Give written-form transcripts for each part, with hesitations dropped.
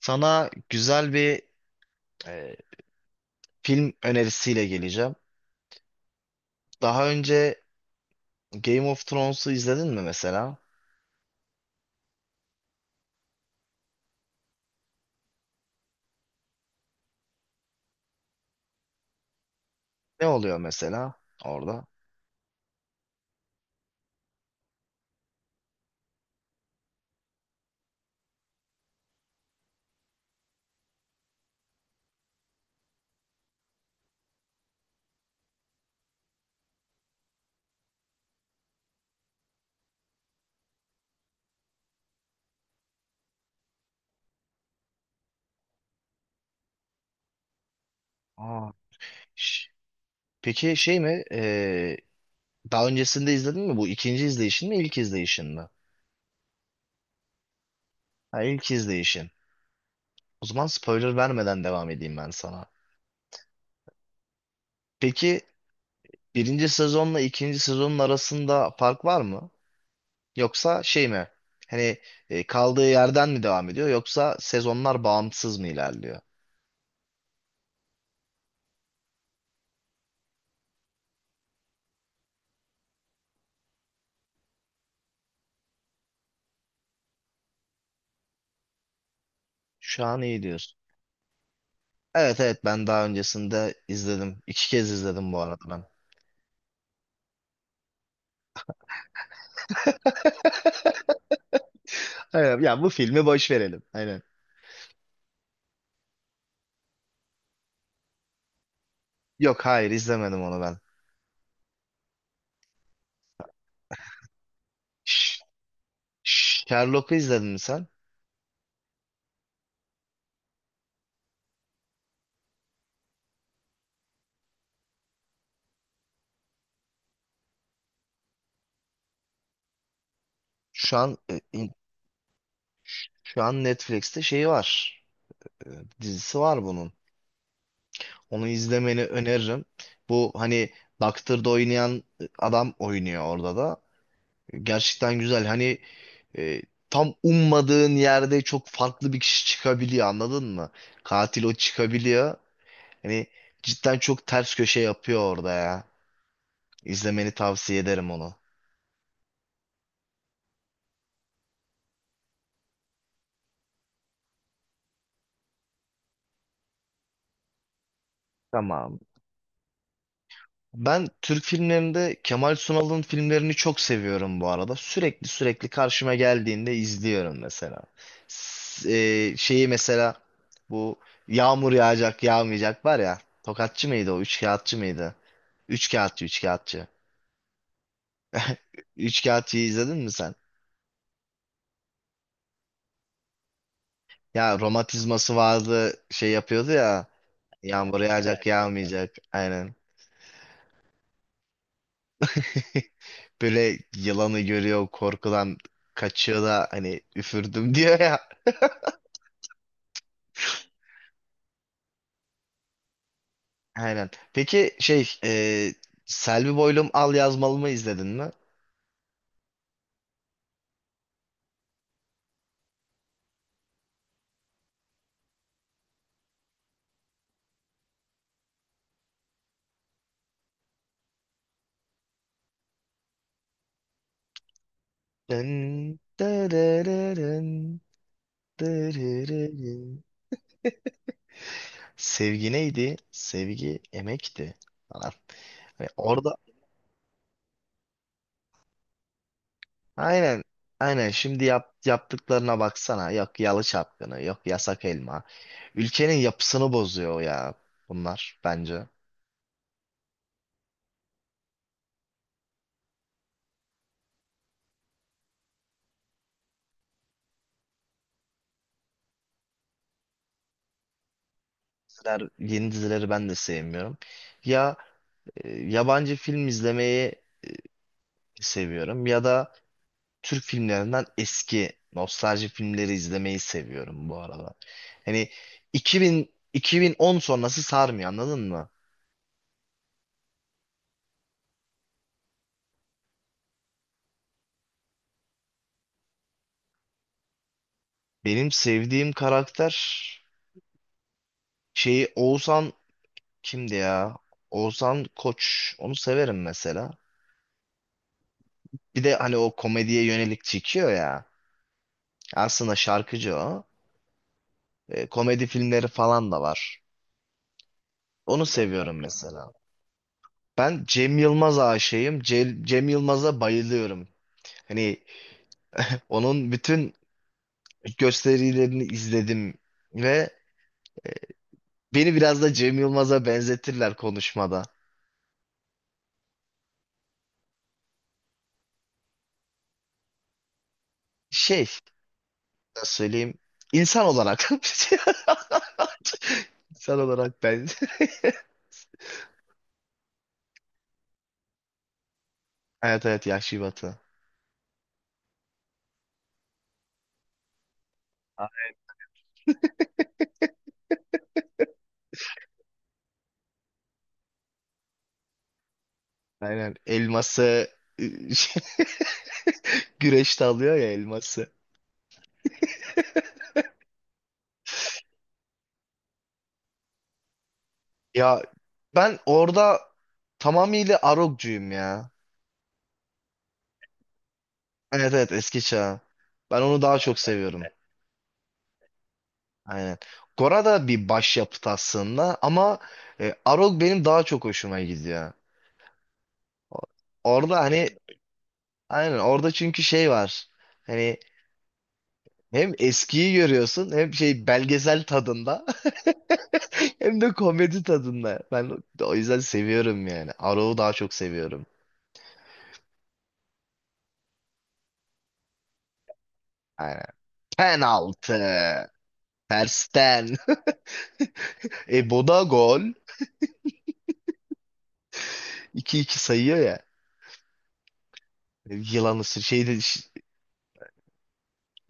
Sana güzel bir e, film önerisiyle geleceğim. Daha önce Game of Thrones'u izledin mi mesela? Ne oluyor mesela orada? Aa, ş- peki şey mi? Daha öncesinde izledin mi? Bu ikinci izleyişin mi, ilk izleyişin mi? Ha, ilk izleyişin. O zaman spoiler vermeden devam edeyim ben sana. Peki birinci sezonla ikinci sezonun arasında fark var mı? Yoksa şey mi? Hani kaldığı yerden mi devam ediyor yoksa sezonlar bağımsız mı ilerliyor? Şu an iyi diyorsun. Evet, evet, ben daha öncesinde izledim. İki kez izledim bu arada ben. Evet, ya bu filmi boş verelim. Aynen. Yok, hayır, izlemedim onu ben. Ş- Sherlock'u izledin mi sen? Şu an e, in- şu an Netflix'te şeyi var. E, Dizisi var bunun. Onu izlemeni öneririm. Bu hani Doctor'da oynayan adam oynuyor orada da. Gerçekten güzel. Hani e, tam ummadığın yerde çok farklı bir kişi çıkabiliyor, anladın mı? Katil o çıkabiliyor. Hani cidden çok ters köşe yapıyor orada ya. İzlemeni tavsiye ederim onu. Tamam. Ben Türk filmlerinde Kemal Sunal'ın filmlerini çok seviyorum bu arada. Sürekli sürekli karşıma geldiğinde izliyorum mesela. S- Şeyi mesela, bu yağmur yağacak yağmayacak var ya. Tokatçı mıydı o? Üç kağıtçı mıydı? Üç kağıtçı, üç kağıtçı. Üç kağıtçıyı izledin mi sen? Ya romatizması vardı, şey yapıyordu ya. Yağmur, evet, yağacak, evet, yağmayacak. Aynen. Böyle yılanı görüyor, korkudan kaçıyor da hani üfürdüm diyor ya. Aynen. Peki şey, Selvi Boylum Al Yazmalım'ı izledin mi? Dın, dırırırın, dırırırın. Sevgi neydi? Sevgi emekti falan. Ve orada aynen, aynen şimdi yaptıklarına baksana. Yok yalı çapkını, yok yasak elma. Ülkenin yapısını bozuyor ya bunlar bence. Yeni dizileri ben de sevmiyorum. Ya, yabancı film izlemeyi seviyorum ya da Türk filmlerinden eski nostalji filmleri izlemeyi seviyorum bu arada. Hani 2000 2010 sonrası sarmıyor, anladın mı? Benim sevdiğim karakter şeyi Oğuzhan kimdi ya? Oğuzhan Koç. Onu severim mesela. Bir de hani o komediye yönelik çekiyor ya. Aslında şarkıcı o. Komedi filmleri falan da var. Onu seviyorum mesela. Ben Cem Yılmaz aşığıyım. Cem Yılmaz'a bayılıyorum. Hani onun bütün gösterilerini izledim ve beni biraz da Cem Yılmaz'a benzetirler konuşmada. Şey, nasıl söyleyeyim? İnsan olarak. İnsan olarak ben. Evet, evet, Yahşi Batı. Aynen. Elması ı, şey, güreşte alıyor ya elması. Ya ben orada tamamıyla Arog'cuyum ya. Evet, evet, eski çağ. Ben onu daha çok seviyorum. Aynen. Gora da bir başyapıt aslında ama Arog benim daha çok hoşuma gidiyor. O- Orada hani aynen, orada çünkü şey var. Hani hem eskiyi görüyorsun, hem şey belgesel tadında hem de komedi tadında. Ben o yüzden seviyorum yani. Arog'u daha çok seviyorum. Aynen. Penaltı. Tersten. Boda gol. 2 iki sayıyor ya. Yılan ısır. Şeyde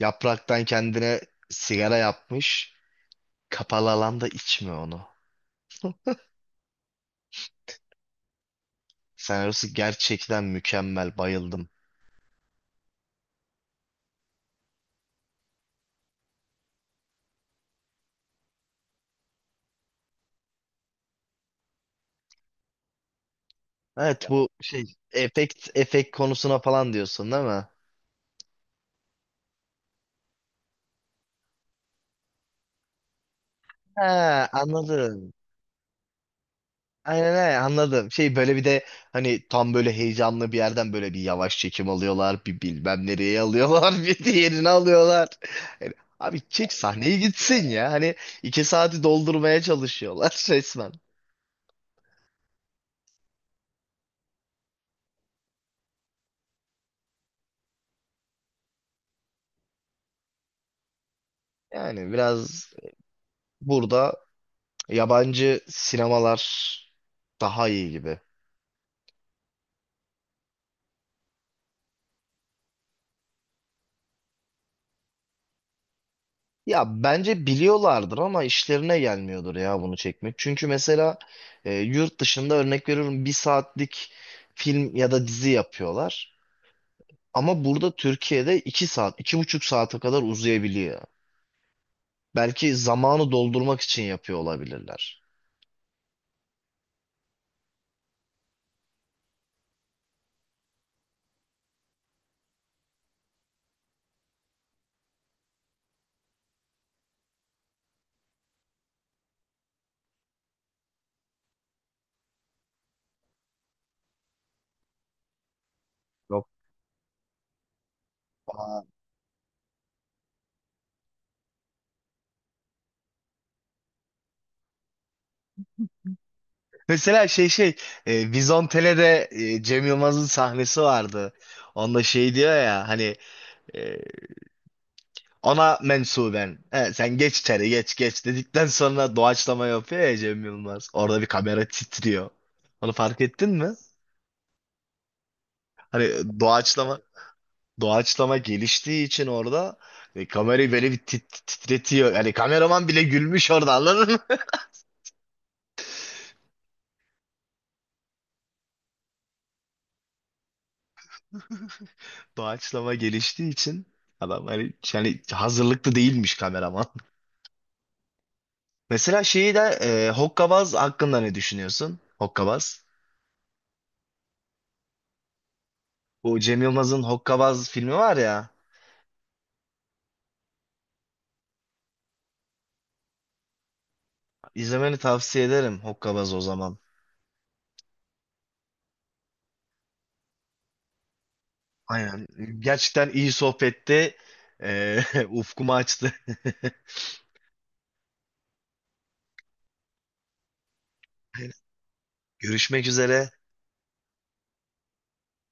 yapraktan kendine sigara yapmış. Kapalı alanda içme onu. Senaryosu gerçekten mükemmel. Bayıldım. Evet, bu şey, efekt konusuna falan diyorsun değil mi? Ha, anladım. Aynen, aynen, anladım. Şey, böyle bir de hani tam böyle heyecanlı bir yerden böyle bir yavaş çekim alıyorlar. Bir bilmem nereye alıyorlar. Bir diğerini alıyorlar. Yani abi çek sahneye gitsin ya. Hani iki saati doldurmaya çalışıyorlar resmen. Yani biraz burada yabancı sinemalar daha iyi gibi. Ya bence biliyorlardır ama işlerine gelmiyordur ya bunu çekmek. Çünkü mesela yurt dışında örnek veriyorum, bir saatlik film ya da dizi yapıyorlar. Ama burada Türkiye'de iki saat, iki buçuk saate kadar uzayabiliyor. Belki zamanı doldurmak için yapıyor olabilirler. Yok. Aa. Mesela Vizontele'de, Cem Yılmaz'ın sahnesi vardı. Onda şey diyor ya hani, ona mensuben. He, sen geç içeri, geç geç, dedikten sonra doğaçlama yapıyor ya Cem Yılmaz. Orada bir kamera titriyor. Onu fark ettin mi? Hani doğaçlama doğaçlama geliştiği için orada kamerayı böyle bir titretiyor. Yani kameraman bile gülmüş orada, anladın mı? Doğaçlama geliştiği için adam hani, yani hazırlıklı değilmiş kameraman. Mesela şeyi de, Hokkabaz hakkında ne düşünüyorsun? Hokkabaz. Bu Cem Yılmaz'ın Hokkabaz filmi var ya. İzlemeni tavsiye ederim Hokkabaz o zaman. Aynen. Gerçekten iyi sohbette. Ufkumu açtı. Görüşmek üzere.